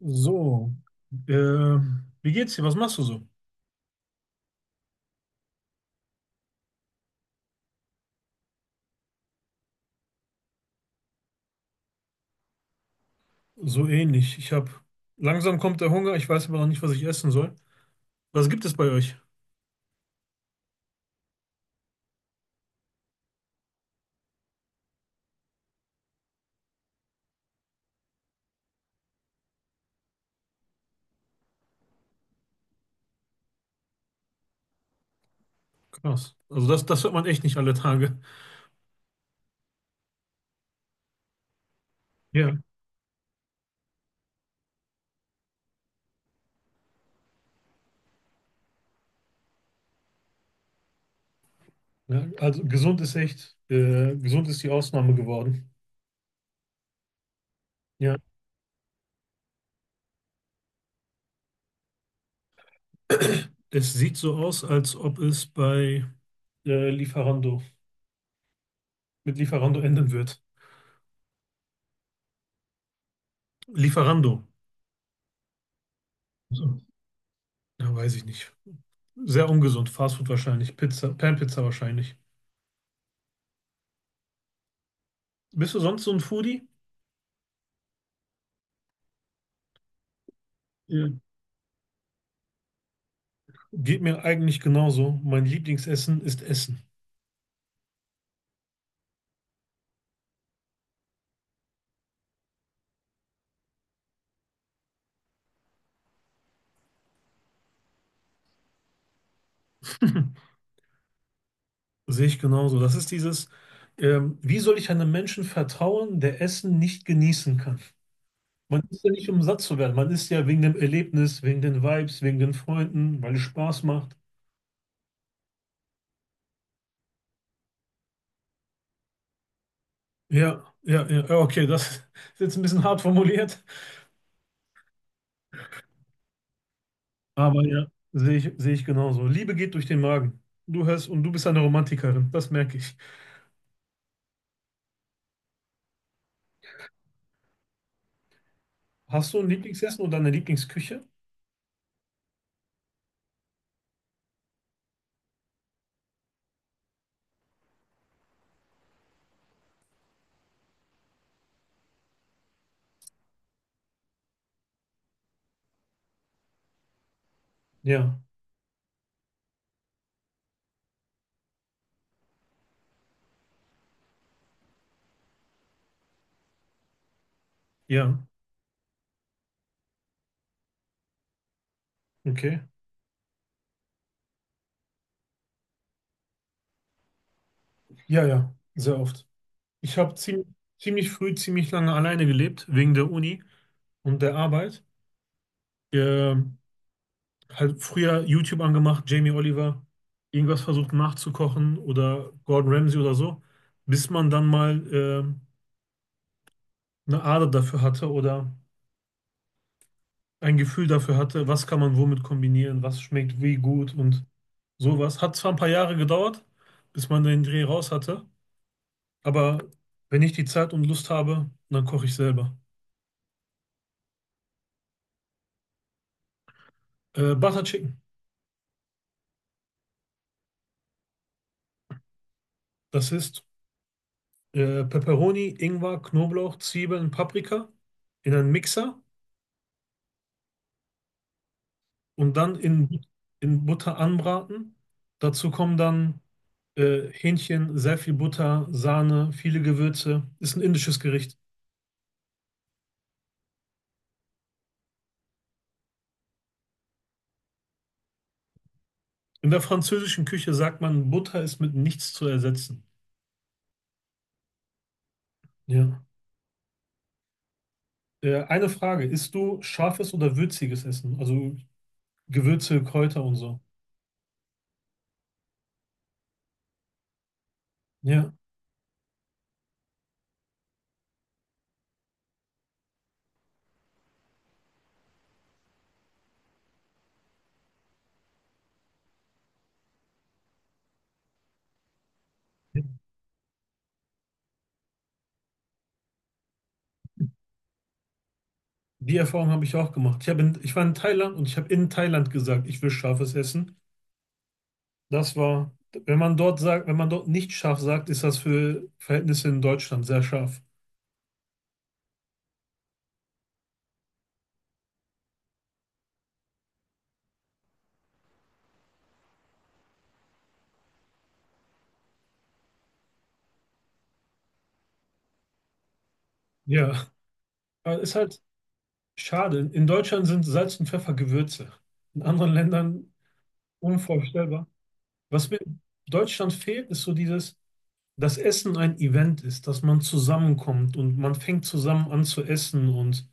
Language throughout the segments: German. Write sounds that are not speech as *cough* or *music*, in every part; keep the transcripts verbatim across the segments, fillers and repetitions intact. So, äh, wie geht's dir? Was machst du so? So ähnlich. Ich habe Langsam kommt der Hunger. Ich weiß aber noch nicht, was ich essen soll. Was gibt es bei euch? Krass. Also das, das hört man echt nicht alle Tage. Ja, ja, also gesund ist echt, äh, gesund ist die Ausnahme geworden. Ja. Es sieht so aus, als ob es bei äh, Lieferando mit Lieferando enden wird. Lieferando. So. Ja, weiß ich nicht. Sehr ungesund. Fastfood wahrscheinlich. Pizza, Pan-Pizza wahrscheinlich. Bist du sonst so ein Foodie? Ja. Geht mir eigentlich genauso. Mein Lieblingsessen ist Essen. Sehe ich genauso. Das ist dieses, ähm, wie soll ich einem Menschen vertrauen, der Essen nicht genießen kann? Man ist ja nicht, um satt zu werden. Man ist ja wegen dem Erlebnis, wegen den Vibes, wegen den Freunden, weil es Spaß macht. Ja, ja, ja. Ja, okay, das ist jetzt ein bisschen hart formuliert, aber ja, sehe ich, sehe ich genauso. Liebe geht durch den Magen. Du hörst und du bist eine Romantikerin, das merke ich. Hast du ein Lieblingsessen oder eine Lieblingsküche? Ja, ja, okay. Ja, ja, sehr oft. Ich habe ziemlich, Ziemlich früh, ziemlich lange alleine gelebt, wegen der Uni und der Arbeit. Ähm, halt früher YouTube angemacht, Jamie Oliver, irgendwas versucht nachzukochen oder Gordon Ramsay oder so, bis man dann mal ähm, eine Ader dafür hatte oder ein Gefühl dafür hatte, was kann man womit kombinieren, was schmeckt wie gut und sowas. Hat zwar ein paar Jahre gedauert, bis man den Dreh raus hatte, aber wenn ich die Zeit und Lust habe, dann koche ich selber. Äh, Butter Chicken. Das ist äh, Peperoni, Ingwer, Knoblauch, Zwiebeln, Paprika in einen Mixer und dann in, in Butter anbraten. Dazu kommen dann äh, Hähnchen, sehr viel Butter, Sahne, viele Gewürze. Ist ein indisches Gericht. In der französischen Küche sagt man, Butter ist mit nichts zu ersetzen. Ja. Äh, eine Frage, isst du scharfes oder würziges Essen? Also Gewürze, Kräuter und so. Ja. Die Erfahrung habe ich auch gemacht. Ich habe in, ich war in Thailand und ich habe in Thailand gesagt, ich will scharfes Essen. Das war, wenn man dort sagt, wenn man dort nicht scharf sagt, ist das für Verhältnisse in Deutschland sehr scharf. Ja, aber ist halt schade. In Deutschland sind Salz und Pfeffer Gewürze. In anderen Ländern unvorstellbar. Was mir in Deutschland fehlt, ist so dieses, dass Essen ein Event ist, dass man zusammenkommt und man fängt zusammen an zu essen und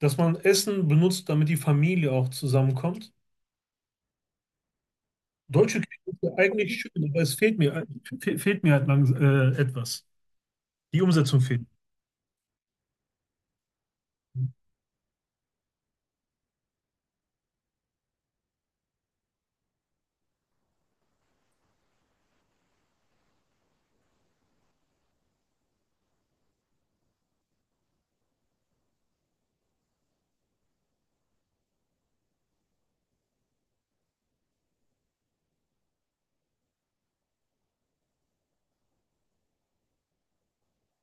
dass man Essen benutzt, damit die Familie auch zusammenkommt. Deutsche Kirche ist ja eigentlich schön, aber es fehlt mir, fe- fehlt mir halt langsam äh, etwas. Die Umsetzung fehlt.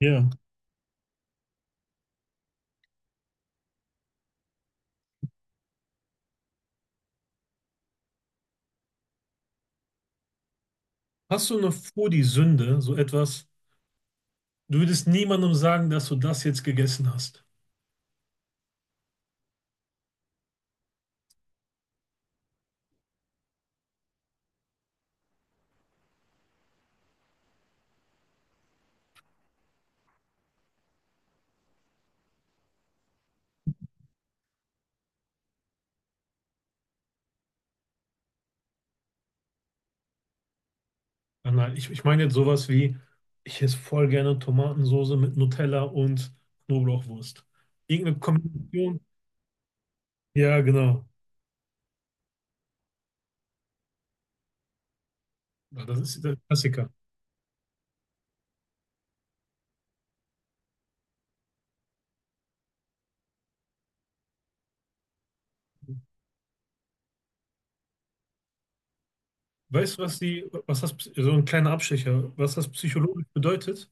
Ja. Hast du noch vor die Sünde so etwas? Du würdest niemandem sagen, dass du das jetzt gegessen hast. Nein, nein, ich, ich meine jetzt sowas wie, ich esse voll gerne Tomatensoße mit Nutella und Knoblauchwurst. Irgendeine Kombination. Ja, genau. Ja, das ist der Klassiker. Weißt du, was die, was das, so ein kleiner Abstecher, was das psychologisch bedeutet?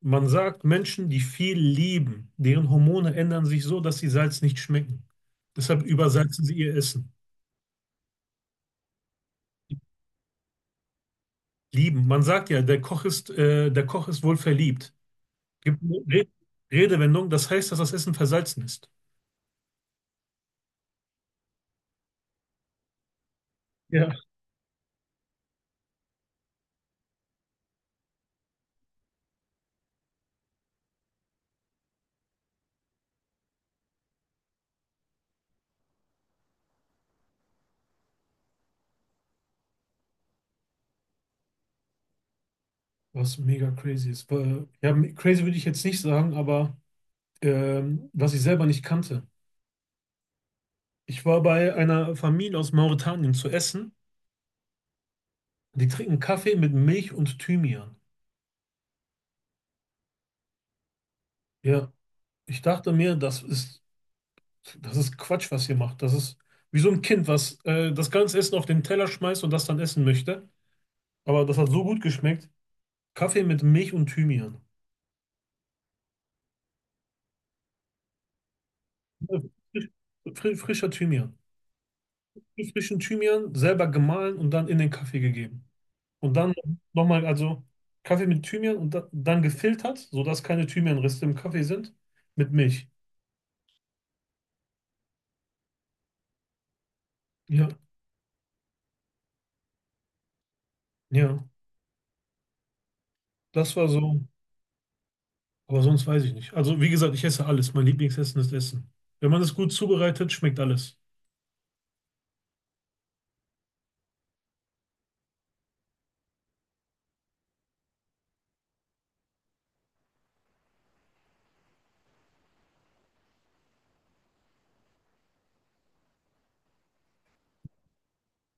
Man sagt, Menschen, die viel lieben, deren Hormone ändern sich so, dass sie Salz nicht schmecken. Deshalb übersalzen sie ihr Essen. Lieben. Man sagt ja, der Koch ist, äh, der Koch ist wohl verliebt. Gibt eine Re Redewendung, das heißt, dass das Essen versalzen ist. Ja. Was mega crazy ist. Weil- Ja, m- crazy würde ich jetzt nicht sagen, aber ähm, was ich selber nicht kannte. Ich war bei einer Familie aus Mauretanien zu essen. Die trinken Kaffee mit Milch und Thymian. Ja, ich dachte mir, das ist das ist Quatsch, was ihr macht. Das ist wie so ein Kind, was äh, das ganze Essen auf den Teller schmeißt und das dann essen möchte. Aber das hat so gut geschmeckt. Kaffee mit Milch und Thymian. Frisch, fri- frischer Thymian. Frischen Thymian selber gemahlen und dann in den Kaffee gegeben. Und dann nochmal, also Kaffee mit Thymian und da, dann gefiltert, sodass keine Thymianreste im Kaffee sind, mit Milch. Ja, ja, das war so. Aber sonst weiß ich nicht. Also, wie gesagt, ich esse alles. Mein Lieblingsessen ist Essen. Wenn man es gut zubereitet, schmeckt alles.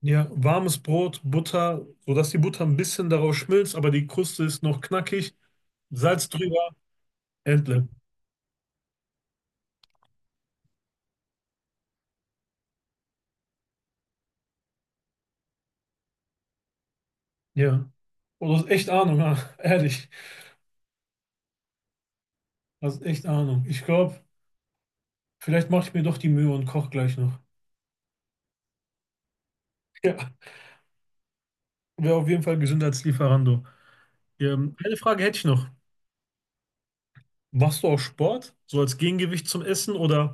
Ja, warmes Brot, Butter, sodass die Butter ein bisschen darauf schmilzt, aber die Kruste ist noch knackig. Salz drüber, entle. Ja. Und du hast echt Ahnung, ah, *laughs* ehrlich. Du hast echt Ahnung. Ich glaube, vielleicht mache ich mir doch die Mühe und koche gleich noch. *laughs* Ja, wäre auf jeden Fall gesünder als Lieferando. Ähm, eine Frage hätte ich noch. Machst du auch Sport, so als Gegengewicht zum Essen, oder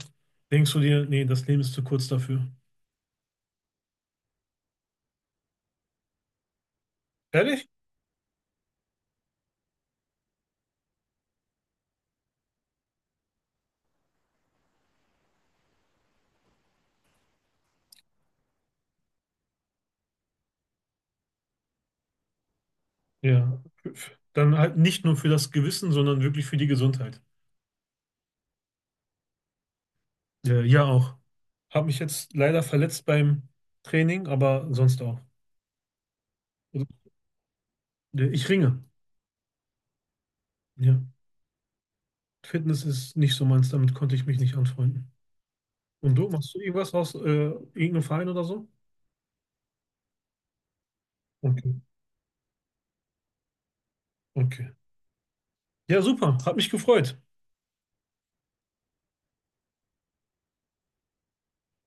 denkst du dir, nee, das Leben ist zu kurz dafür? Ehrlich? Ja. Dann halt nicht nur für das Gewissen, sondern wirklich für die Gesundheit. Äh, ja, auch. Habe mich jetzt leider verletzt beim Training, aber sonst auch. Also, äh, ich ringe. Ja. Fitness ist nicht so meins, damit konnte ich mich nicht anfreunden. Und du, machst du irgendwas aus äh, irgendeinem Verein oder so? Okay, okay. Ja, super. Hat mich gefreut.